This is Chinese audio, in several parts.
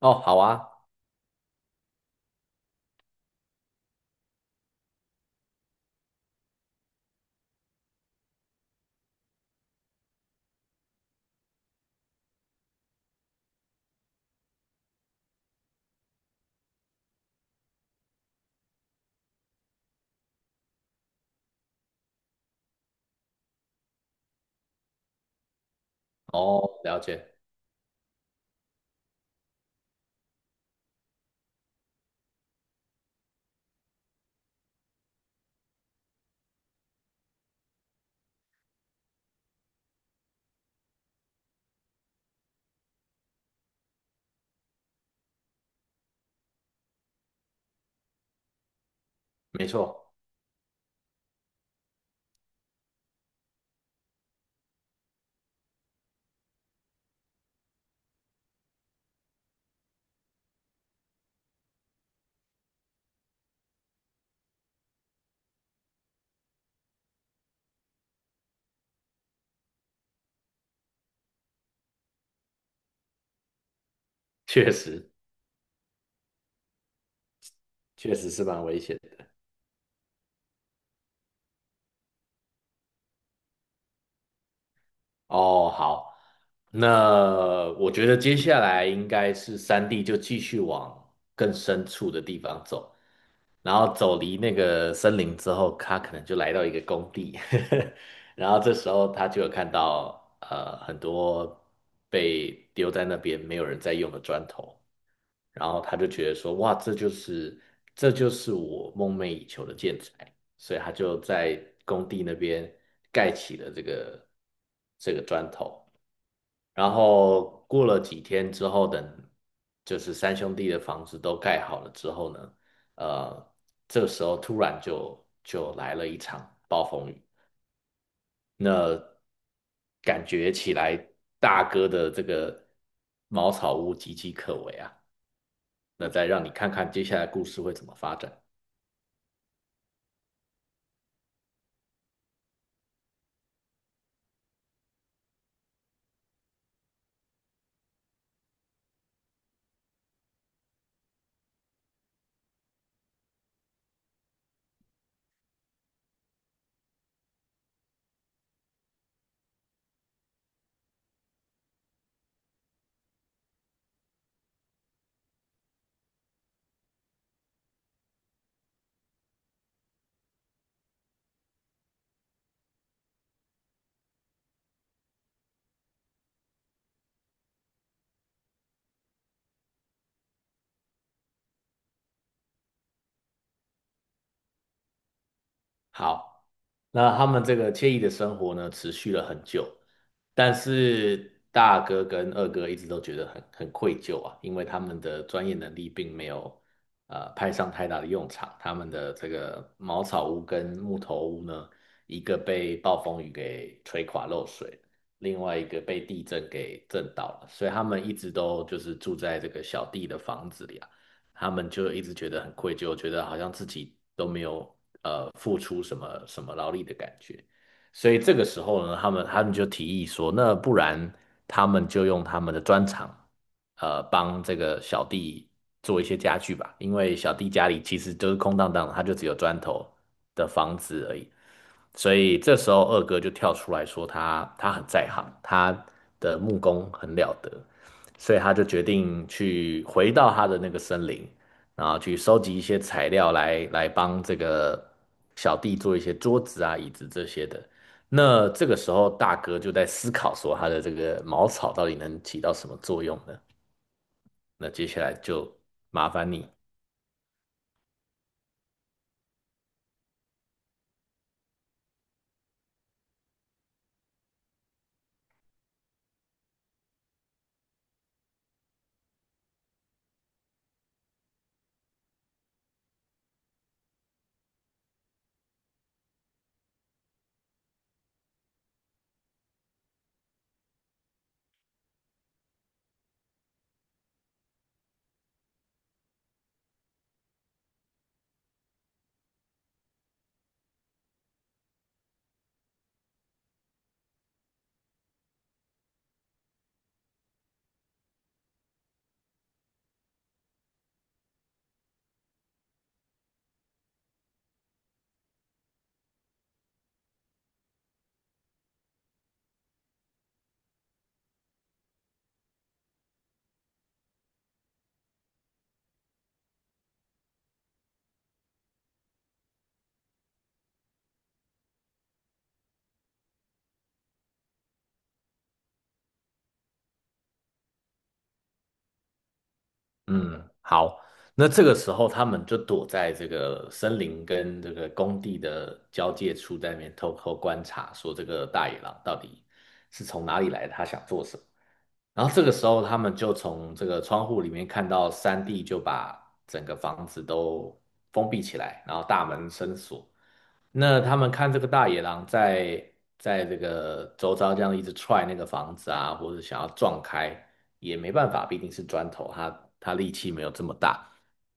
哦，好啊。哦，了解。没错。确实。确实是蛮危险的。哦，好。那我觉得接下来应该是三地就继续往更深处的地方走，然后走离那个森林之后，他可能就来到一个工地，然后这时候他就有看到很多被丢在那边没有人在用的砖头，然后他就觉得说，哇，这就是我梦寐以求的建材，所以他就在工地那边盖起了这个砖头。然后过了几天之后，就是三兄弟的房子都盖好了之后呢，呃，这个时候突然就来了一场暴风雨。那感觉起来，大哥的这个茅草屋岌岌可危啊。那再让你看看接下来故事会怎么发展。好。那他们这个惬意的生活呢，持续了很久，但是大哥跟二哥一直都觉得很愧疚啊，因为他们的专业能力并没有派上太大的用场，他们的这个茅草屋跟木头屋呢，一个被暴风雨给吹垮漏水，另外一个被地震给震倒了，所以他们一直都就是住在这个小弟的房子里啊。他们就一直觉得很愧疚，觉得好像自己都没有付出什么劳力的感觉。所以这个时候呢，他们就提议说，那不然他们就用他们的砖厂，帮这个小弟做一些家具吧，因为小弟家里其实都是空荡荡的，他就只有砖头的房子而已。所以这时候二哥就跳出来说他很在行，他的木工很了得，所以他就决定去回到他的那个森林，然后去收集一些材料来帮这个小弟做一些桌子啊、椅子这些的。那这个时候，大哥就在思考说，他的这个茅草到底能起到什么作用呢？那接下来就麻烦你。嗯，好。那这个时候，他们就躲在这个森林跟这个工地的交界处，在那边偷偷观察，说这个大野狼到底是从哪里来的他想做什么。然后这个时候，他们就从这个窗户里面看到三弟就把整个房子都封闭起来，然后大门深锁。那他们看这个大野狼在这个周遭这样一直踹那个房子啊，或者想要撞开，也没办法，毕竟是砖头，它力气没有这么大，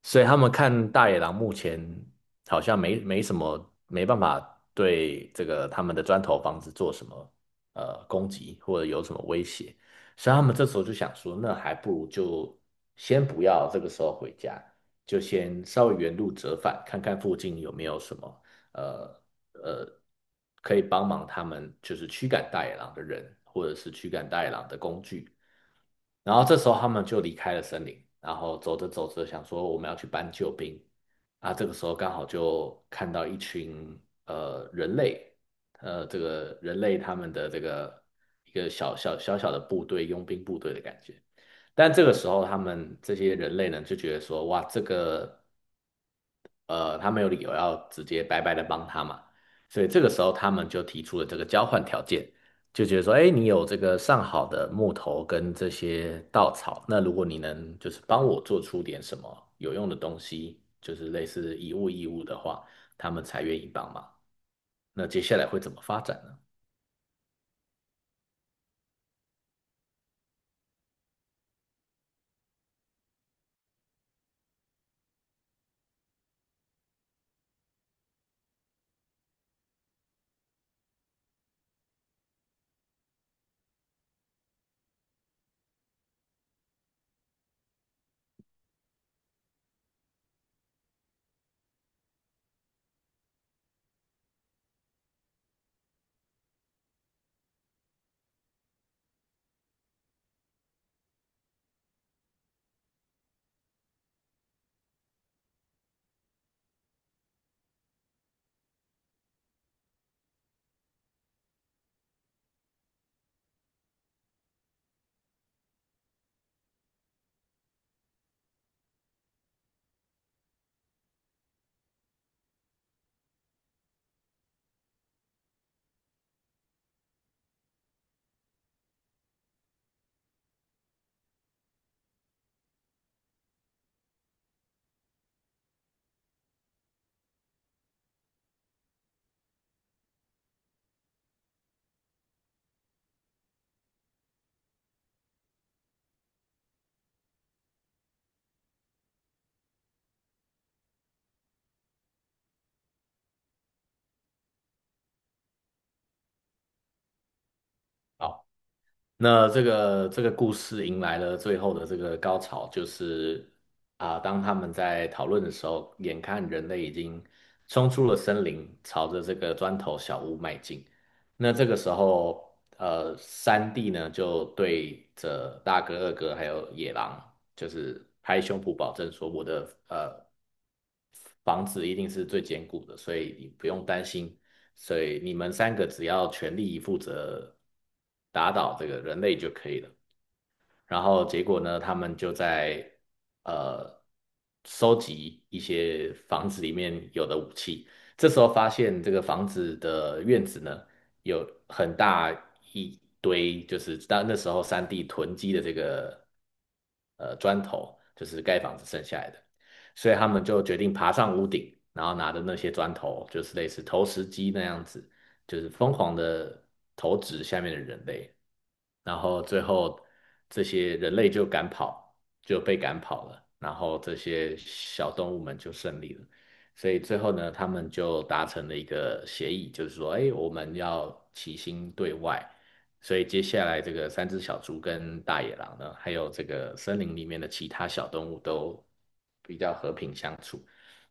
所以他们看大野狼目前好像没什么，没办法对这个他们的砖头房子做什么攻击或者有什么威胁，所以他们这时候就想说，那还不如就先不要这个时候回家，就先稍微原路折返，看看附近有没有什么。呃呃，可以帮忙他们就是驱赶大野狼的人，或者是驱赶大野狼的工具。然后这时候他们就离开了森林，然后走着走着想说我们要去搬救兵啊，这个时候刚好就看到一群人类，这个人类他们的这个一个小的部队，佣兵部队的感觉。但这个时候，他们这些人类呢，就觉得说，哇，这个他没有理由要直接白白的帮他嘛，所以这个时候他们就提出了这个交换条件，就觉得说，哎，你有这个上好的木头跟这些稻草，那如果你能就是帮我做出点什么有用的东西，就是类似以物易物的话，他们才愿意帮忙。那接下来会怎么发展呢？好。那这个故事迎来了最后的这个高潮，就是啊、当他们在讨论的时候，眼看人类已经冲出了森林，朝着这个砖头小屋迈进。那这个时候，三弟呢就对着大哥、二哥还有野狼，就是拍胸脯保证说，我的房子一定是最坚固的，所以你不用担心所以你们三个只要全力以赴着打倒这个人类就可以了。然后结果呢，他们就在呃收集一些房子里面有的武器。这时候发现这个房子的院子呢，有很大一堆，就是当那时候三地囤积的这个砖头，就是盖房子剩下来的。所以他们就决定爬上屋顶，然后拿着那些砖头，就是类似投石机那样子，就是疯狂的投掷下面的人类，然后最后这些人类就赶跑，就被赶跑了，然后这些小动物们就胜利了。所以最后呢，他们就达成了一个协议，就是说，哎，我们要齐心对外。所以接下来这个三只小猪跟大野狼呢，还有这个森林里面的其他小动物都比较和平相处。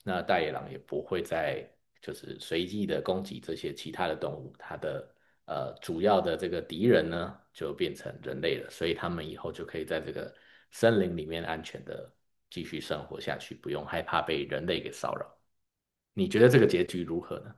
那大野狼也不会再就是随意的攻击这些其他的动物，它的主要的这个敌人呢就变成人类了，所以他们以后就可以在这个森林里面安全的继续生活下去，不用害怕被人类给骚扰。你觉得这个结局如何呢？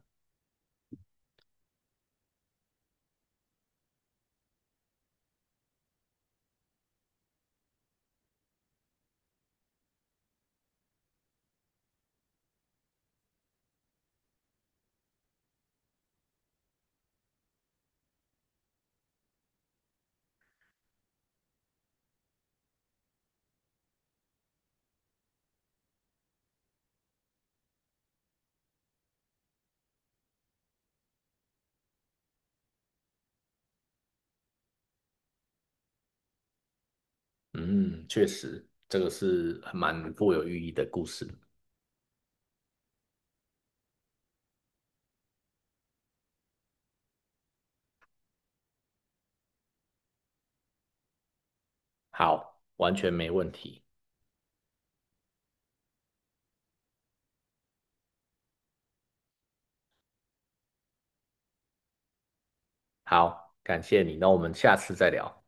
嗯，确实，这个是蛮富有寓意的故事。好，完全没问题。好，感谢你，那我们下次再聊。